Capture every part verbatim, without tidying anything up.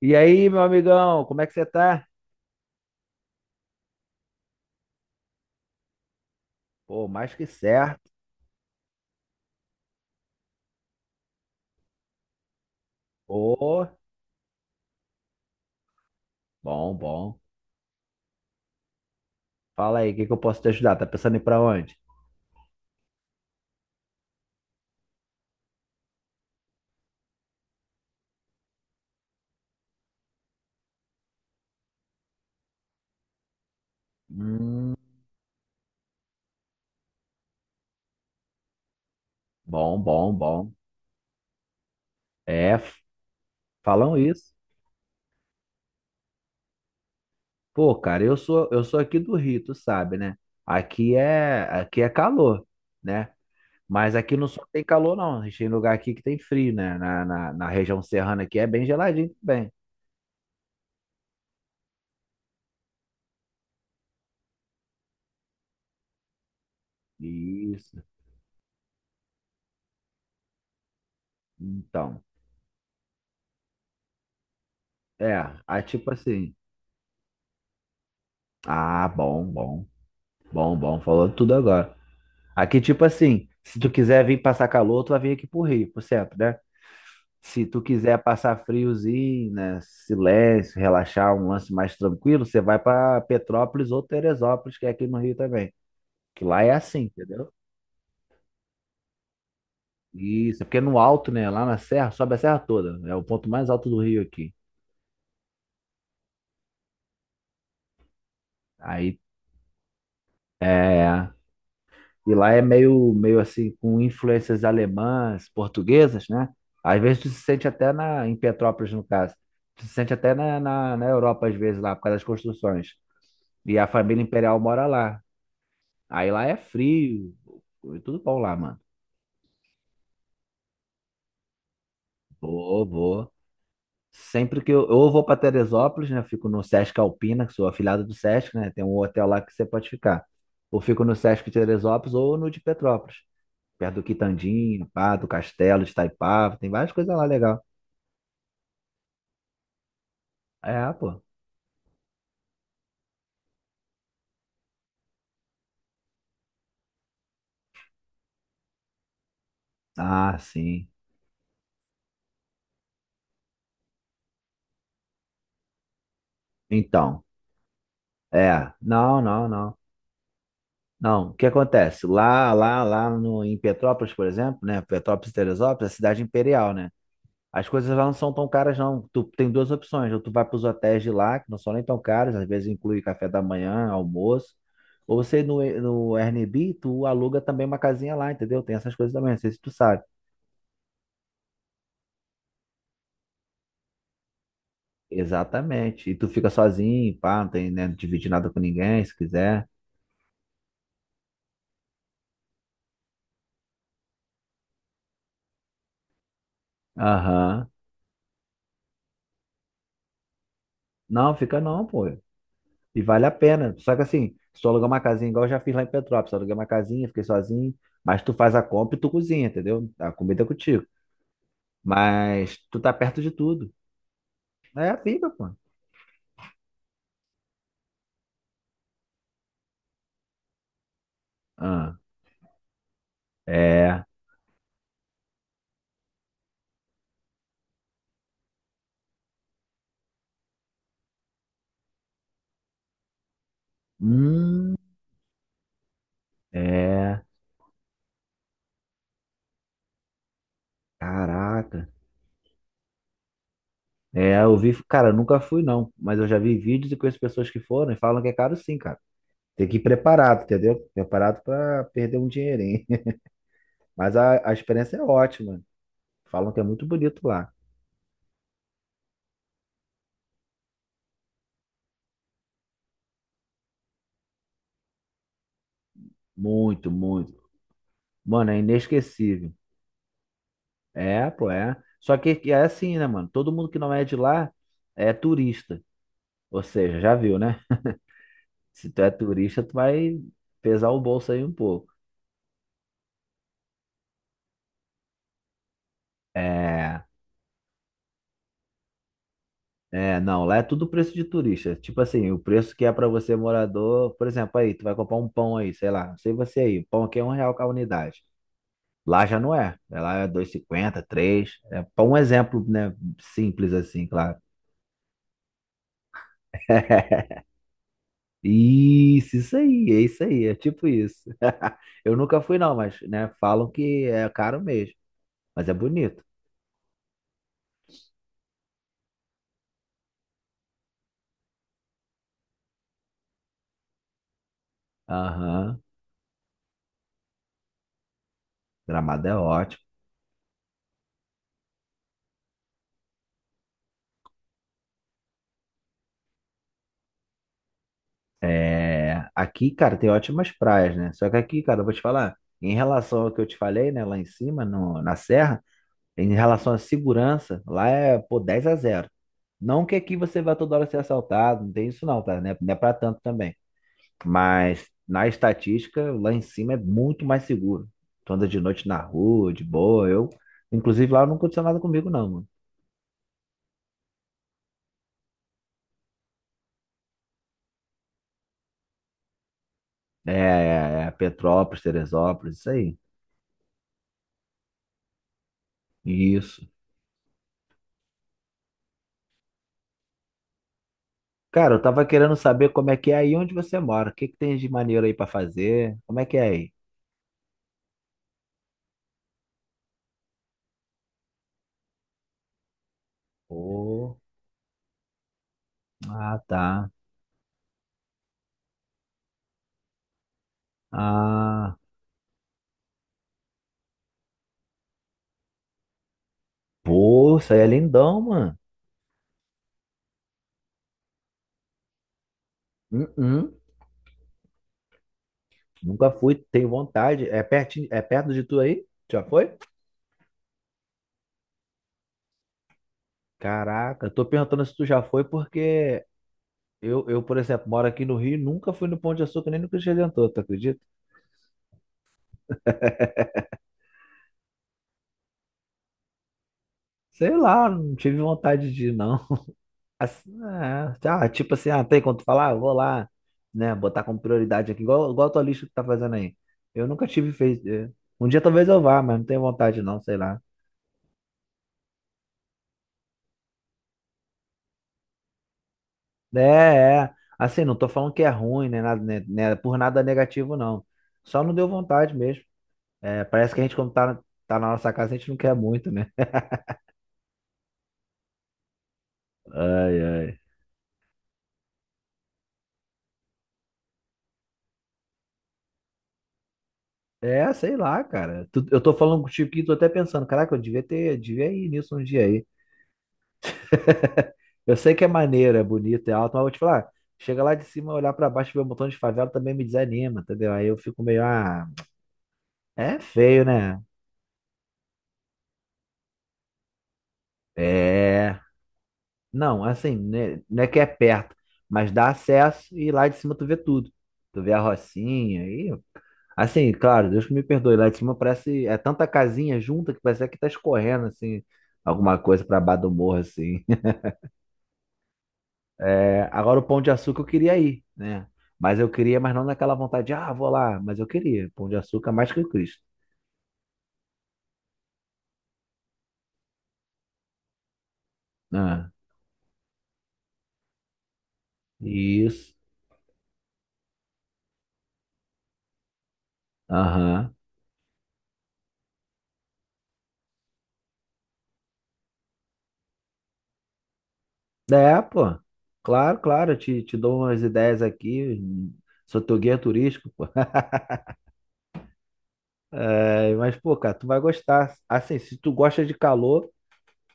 E aí, meu amigão, como é que você tá? Pô, mais que certo. Pô, bom, bom. Fala aí, o que que eu posso te ajudar? Tá pensando em ir pra onde? Hum, bom, bom, bom. É, f- falam isso. Pô, cara, eu sou eu sou aqui do Rio, tu sabe, né? Aqui é aqui é calor, né? Mas aqui não só tem calor, não. A gente tem lugar aqui que tem frio, né? Na, na, na região serrana aqui é bem geladinho também. Isso. Então. É, aí tipo assim. Ah, bom, bom, bom, bom. Falou tudo agora. Aqui, tipo assim, se tu quiser vir passar calor, tu vai vir aqui pro Rio, por sempre, né? Se tu quiser passar friozinho, né? Silêncio, relaxar, um lance mais tranquilo, você vai pra Petrópolis ou Teresópolis, que é aqui no Rio também. Que lá é assim, entendeu? Isso, é porque é no alto, né? Lá na serra, sobe a serra toda. É o ponto mais alto do Rio aqui. Aí, é. E lá é meio, meio assim, com influências alemãs, portuguesas, né? Às vezes tu se sente até na, em Petrópolis, no caso. Tu se sente até na, na, na Europa, às vezes, lá, por causa das construções. E a família imperial mora lá. Aí lá é frio, tudo bom lá, mano. Vou, vou. Sempre que eu, eu vou para Teresópolis, né? Fico no Sesc Alpina, que sou afiliado do Sesc, né? Tem um hotel lá que você pode ficar. Ou fico no Sesc Teresópolis ou no de Petrópolis. Perto do Quitandinho, pá, do Castelo de Itaipava, tem várias coisas lá legal. É, pô. Ah, sim. Então, é. Não, não, não. Não, o que acontece? Lá, lá, lá no, em Petrópolis, por exemplo, né? Petrópolis e Teresópolis, é cidade imperial, né? As coisas lá não são tão caras, não. Tu tem duas opções. Ou tu vai para os hotéis de lá, que não são nem tão caros, às vezes inclui café da manhã, almoço. Ou você no, no Airbnb, tu aluga também uma casinha lá, entendeu? Tem essas coisas também, não sei se tu sabe. Exatamente. E tu fica sozinho, pá, não tem, né, dividir nada com ninguém, se quiser. Aham. Não, fica não, pô. E vale a pena. Só que assim, se tu alugar uma casinha, igual eu já fiz lá em Petrópolis, eu aluguei uma casinha, fiquei sozinho, mas tu faz a compra e tu cozinha, entendeu? A comida é contigo. Mas tu tá perto de tudo. É, fica, pô. Ah, é. Hum, é. Caraca. É, eu vi, cara, eu nunca fui não, mas eu já vi vídeos e conheço pessoas que foram e falam que é caro sim, cara. Tem que ir preparado, entendeu? Preparado para perder um dinheirinho. Mas a, a experiência é ótima. Falam que é muito bonito lá. Muito, muito. Mano, é inesquecível. É, pô, é. Só que que é assim, né, mano? Todo mundo que não é de lá é turista. Ou seja, já viu, né? Se tu é turista, tu vai pesar o bolso aí um pouco. É, é, não, lá é tudo preço de turista. Tipo assim, o preço que é pra você morador, por exemplo, aí, tu vai comprar um pão aí, sei lá, não sei você aí, o pão aqui é um real com a unidade. Lá já não é. Né? Lá é dois e cinquenta, três, é para um exemplo, né? Simples assim, claro. Isso, isso aí, é isso aí, é tipo isso. Eu nunca fui não, mas, né, falam que é caro mesmo, mas é bonito. Aham, Gramado é ótimo. É, aqui, cara, tem ótimas praias, né? Só que aqui, cara, eu vou te falar, em relação ao que eu te falei, né, lá em cima, no, na serra, em relação à segurança, lá é, pô, dez a zero. Não que aqui você vá toda hora ser assaltado, não tem isso não, tá? Não é, não é pra tanto também. Mas na estatística, lá em cima é muito mais seguro. Tu anda de noite na rua, de boa. Eu, inclusive, lá não aconteceu nada comigo, não, mano. É, é é Petrópolis, Teresópolis, isso aí. Isso. Cara, eu tava querendo saber como é que é aí onde você mora. O que que tem de maneiro aí pra fazer? Como é que é aí? Oh, ah, tá. Ah, pô, isso aí é lindão, mano. Uhum. Nunca fui, tenho vontade. É pertinho, é perto de tu aí? Já foi? Caraca, tô perguntando se tu já foi porque eu, eu, por exemplo, moro aqui no Rio, e nunca fui no Pão de Açúcar nem no Cristo Redentor, tu acredita? Sei lá, não tive vontade de ir, não. Assim, é, tá, tipo assim, ah, tem quando falar, eu vou lá, né, botar como prioridade aqui, igual, igual a tua lista que tá fazendo aí. Eu nunca tive feito. É. Um dia talvez eu vá, mas não tenho vontade, não, sei lá. É, é. Assim, não tô falando que é ruim, nem nada, né, né, por nada negativo, não. Só não deu vontade mesmo. É, parece que a gente, quando tá, tá na nossa casa, a gente não quer muito, né? Ai, ai. É, sei lá, cara. Tu- Eu tô falando contigo aqui, tô até pensando, caraca, eu devia ter, devia ir nisso um dia aí. Eu sei que é maneiro, é bonito, é alto, mas vou te falar, chega lá de cima, olhar pra baixo e ver um montão de favela também me desanima, entendeu? Aí eu fico meio, ah, é feio, né? É. Não, assim, né, não é que é perto, mas dá acesso e lá de cima tu vê tudo. Tu vê a Rocinha e. Assim, claro, Deus que me perdoe, lá de cima parece. É tanta casinha junta que parece que tá escorrendo, assim, alguma coisa pra baixo do morro, assim. É, agora o Pão de Açúcar eu queria ir, né? Mas eu queria, mas não naquela vontade de, ah, vou lá, mas eu queria. Pão de Açúcar é mais que o Cristo. Ah, isso. Aham. É, pô. Claro, claro, eu te, te dou umas ideias aqui. Sou teu guia turístico, pô. É, mas, pô, cara, tu vai gostar. Assim, se tu gosta de calor,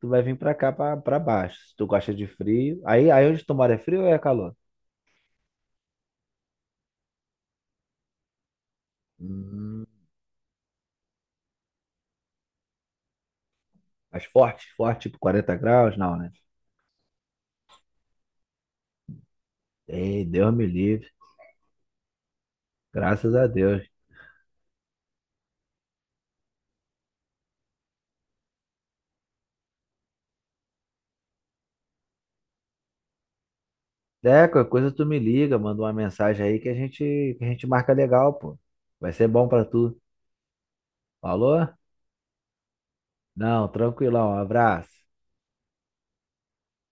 tu vai vir pra cá, pra, pra baixo. Se tu gosta de frio, aí, aí onde tu mora é frio ou é calor? Hum, mas forte, forte, tipo quarenta graus, não, né? Ei, Deus me livre. Graças a Deus. É, qualquer coisa tu me liga, manda uma mensagem aí que a gente, que a gente marca legal, pô. Vai ser bom pra tu. Falou? Não, tranquilão. Um abraço.